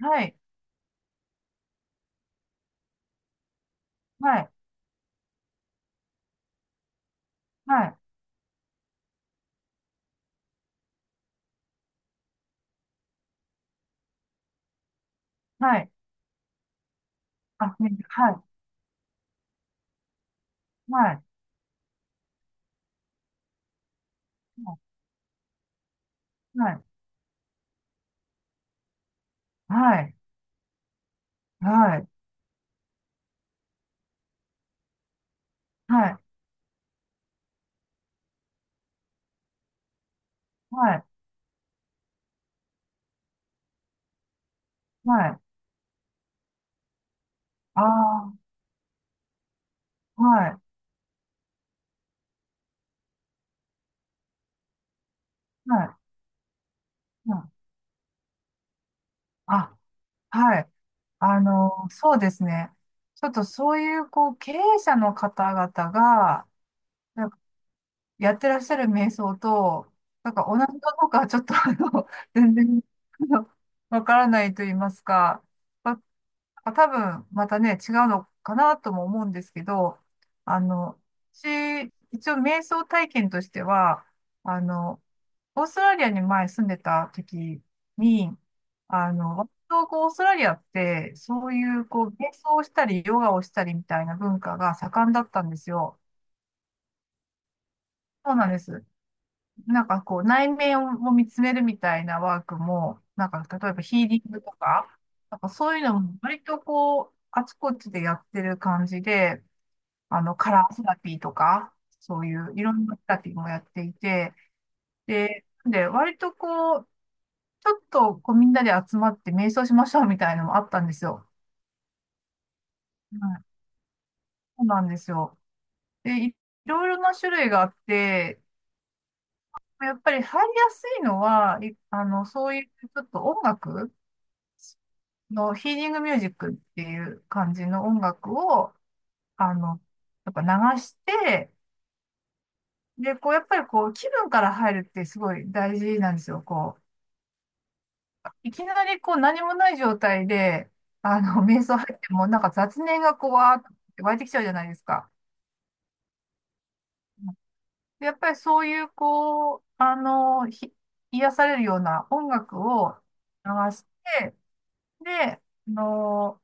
はい、はい、はい、はい、あ、ね、はい、はい、はい、はい、はい、はい、はい、はい、ああ、はい、はい、はい、あ、はい。そうですね。ちょっとそういう、こう、経営者の方々が、なんかやってらっしゃる瞑想と、なんか同じかどうかはちょっと、全然、あのわからないと言いますか、あ、多分、またね、違うのかなとも思うんですけど、あの、私、一応瞑想体験としては、あの、オーストラリアに前住んでた時に、割とこう、オーストラリアって、そういう、こう、瞑想をしたり、ヨガをしたりみたいな文化が盛んだったんですよ。そうなんです。なんかこう、内面を見つめるみたいなワークも、なんか例えばヒーリングとか、なんかそういうのも割とこう、あちこちでやってる感じで、カラーセラピーとか、そういういろんなセラピーもやっていて、で、割とこう、ちょっとこうみんなで集まって瞑想しましょうみたいなのもあったんですよ。うん、そうなんですよ。で、いろいろな種類があって、やっぱり入りやすいのは、いあの、そういうちょっと音楽、のヒーリングミュージックっていう感じの音楽を、あの、やっぱ流して、で、こう、やっぱりこう、気分から入るってすごい大事なんですよ。こう、いきなりこう、何もない状態で、瞑想入っても、なんか雑念がこう、わーって湧いてきちゃうじゃないですか。で、やっぱりそういう、こう、癒されるような音楽を流して、で、あの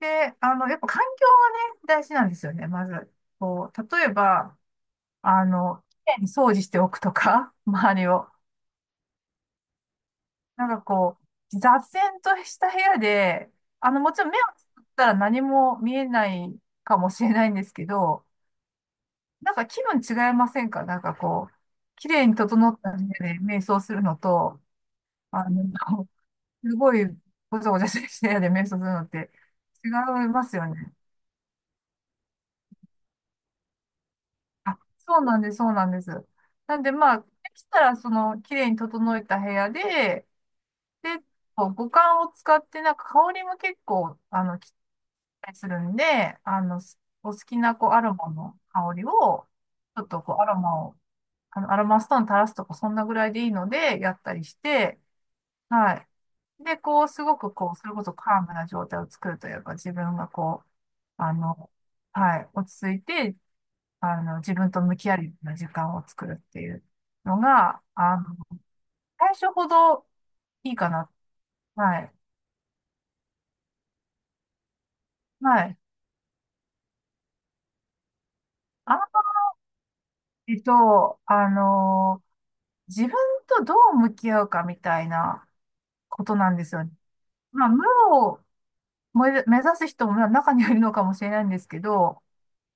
で、あの、やっぱ環境がね、大事なんですよね、まず。こう、例えば、きれいに掃除しておくとか、周りを。なんかこう、雑然とした部屋で、もちろん目をつぶったら何も見えないかもしれないんですけど、なんか気分違いませんか。なんかこう、きれいに整った部屋で瞑想するのと、あの、すごいごちゃごちゃしてる部屋で瞑想するのって違いますよね。あ、そうなんです、そうなんです。なんで、まあ、できたら、その、綺麗に整えた部屋で、で、こう五感を使って、なんか香りも結構、きったりするんで、お好きな、こう、アロマの香りを、ちょっと、こう、アロマを、アロマストーン垂らすとか、そんなぐらいでいいので、やったりして、はい。で、こう、すごく、こう、それこそカームな状態を作るというか、自分が、こう、あの、はい、落ち着いて、自分と向き合うような時間を作るっていうのが、最初ほどいいかな。はい。はい。あんまりと、自分とどう向き合うかみたいなことなんですよね。まあ、無を目指す人も中にはいるのかもしれないんですけど、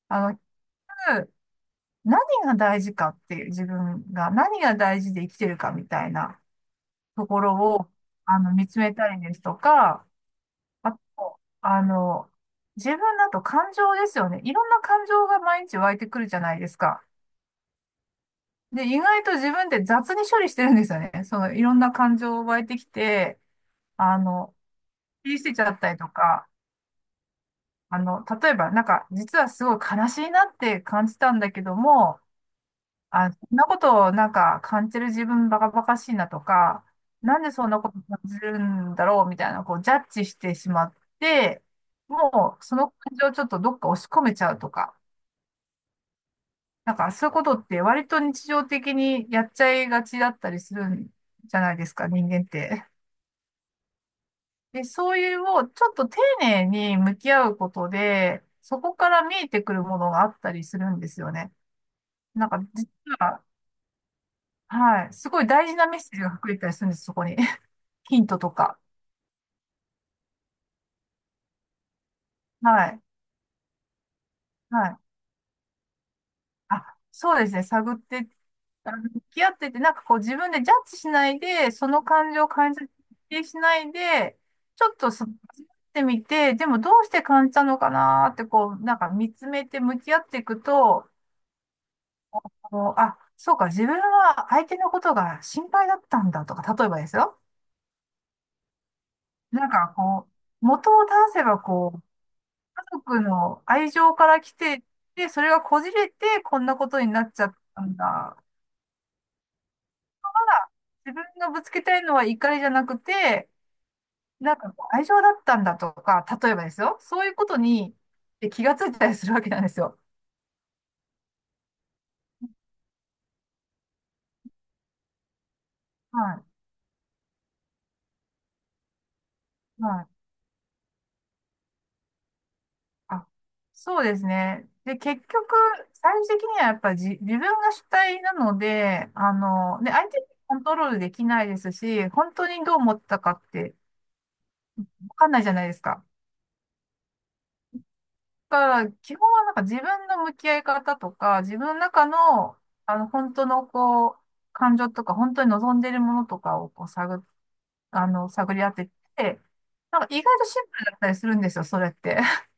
あの、何が大事かっていう、自分が何が大事で生きてるかみたいなところを、見つめたりですとか、あと、自分だと感情ですよね。いろんな感情が毎日湧いてくるじゃないですか。で、意外と自分で雑に処理してるんですよね。その、いろんな感情湧いてきて、あの、切り捨てちゃったりとか、例えば、なんか、実はすごい悲しいなって感じたんだけども、あ、そんなことをなんか感じる自分バカバカしいなとか、なんでそんなこと感じるんだろうみたいな、こうジャッジしてしまって、もうその感情をちょっとどっか押し込めちゃうとか、なんかそういうことって割と日常的にやっちゃいがちだったりするんじゃないですか、人間って。で、そういうをちょっと丁寧に向き合うことで、そこから見えてくるものがあったりするんですよね。なんか実は、はい、すごい大事なメッセージが隠れてたりするんです、そこに。ヒントとか。はい。はい。あ、そうですね。探って、向き合ってて、なんかこう自分でジャッジしないで、その感情を感じてしないで、ちょっとそ味わってみて、でもどうして感じたのかなーってこう、なんか見つめて向き合っていくと、あ、そうか、自分は相手のことが心配だったんだとか、例えばですよ。なんかこう、元を正せばこう、家族の愛情から来てて、それがこじれて、こんなことになっちゃったんだ。自分がぶつけたいのは怒りじゃなくて、なんかこう愛情だったんだとか、例えばですよ。そういうことに気がついたりするわけなんですよ。はい。はい。あ、そうですね。で、結局、最終的にはやっぱり自分が主体なので、ね、相手にコントロールできないですし、本当にどう思ったかってわかんないじゃないですか。から基本はなんか自分の向き合い方とか、自分の中の、本当のこう、感情とか、本当に望んでいるものとかをこう探、あの、探り当てて、なんか意外とシンプルだったりするんですよ、それって。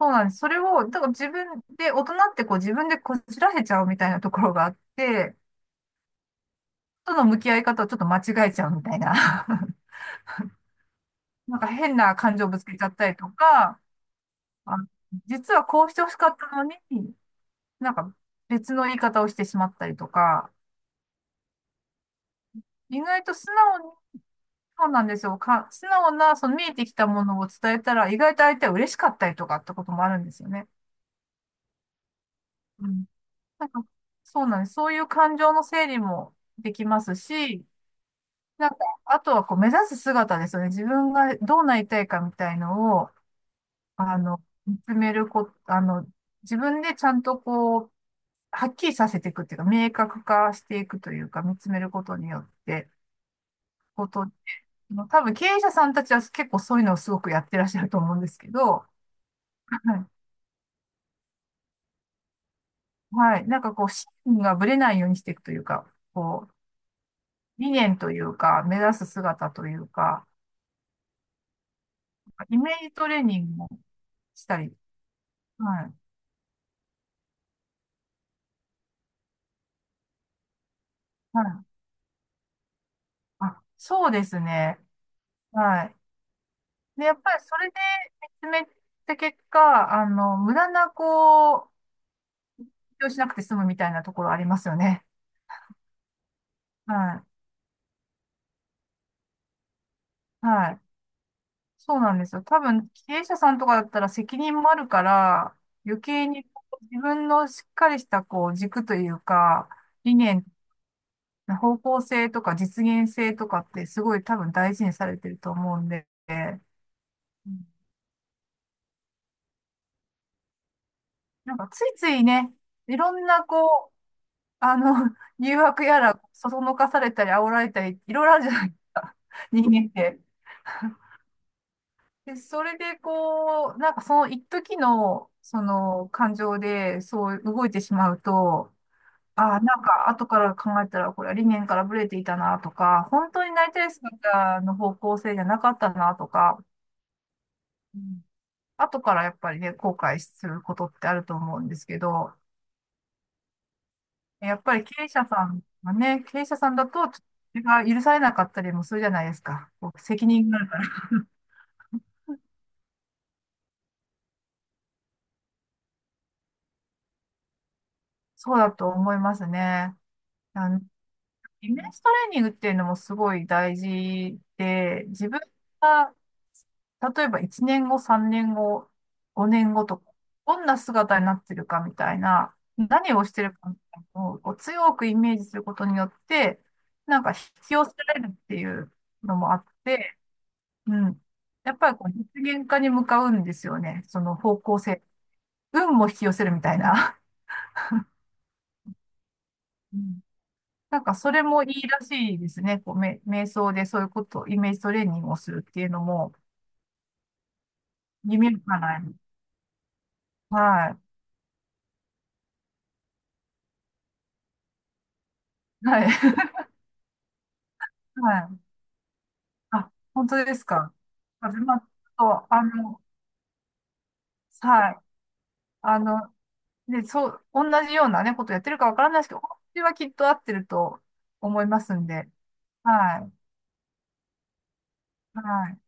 そうなんです。それを、だから自分で、大人ってこう自分でこじらせちゃうみたいなところがあって、との向き合い方をちょっと間違えちゃうみたいな。なんか変な感情ぶつけちゃったりとか、あ実はこうしてほしかったのに、なんか別の言い方をしてしまったりとか、意外と素直に、そうなんですよ。か、素直な、その見えてきたものを伝えたら、意外と相手は嬉しかったりとかってこともあるんですよね。うん。なんか、そうなんです。そういう感情の整理もできますし、なんか、あとはこう目指す姿ですよね。自分がどうなりたいかみたいのを、見つめるこ、あの、自分でちゃんとこう、はっきりさせていくっていうか、明確化していくというか、見つめることによって、こと多分経営者さんたちは結構そういうのをすごくやってらっしゃると思うんですけど、はい。はい。なんかこう、信念がぶれないようにしていくというか、こう、理念というか、目指す姿というか、イメージトレーニングをしたり。はい。はい。あ、そうですね。はい。で、やっぱりそれで見つめた結果、無駄なこう、勉強しなくて済むみたいなところありますよね。はい。はい。そうなんですよ。多分、経営者さんとかだったら責任もあるから、余計にこう自分のしっかりしたこう軸というか、理念、方向性とか実現性とかってすごい多分大事にされてると思うんで、うん。なんかついついね、いろんなこう、あの、誘惑やら、そそのかされたり、煽られたり、いろいろあるじゃないですか、人間って。で、それでこう、なんかその一時の、その感情で、そう動いてしまうと、ああ、なんか、後から考えたら、これは理念からブレていたなとか、本当になりたい姿の方向性じゃなかったなとか、うん、後からやっぱりね、後悔することってあると思うんですけど、やっぱり経営者さんがね、経営者さんだと、ちょっとそれが許されなかったりもするじゃないですか。こう責任があるから。そうだと思いますね。あのイメージトレーニングっていうのもすごい大事で、自分が、例えば1年後、3年後、5年後とか、どんな姿になってるかみたいな、何をしてるかみたいなのをこう強くイメージすることによって、なんか引き寄せられるっていうのもあって、うん。やっぱりこう実現化に向かうんですよね。その方向性。運も引き寄せるみたいな。うん。なんかそれもいいらしいですね。こう、瞑想でそういうこと、イメージトレーニングをするっていうのも、夢見るかない。はい。はい。はい。あ、本当ですか。あ、でまあ、ちょっと、はい。あの、で、そう、同じようなね、ことやってるかわからないですけど、私はきっと合ってると思いますんで。はい。はい。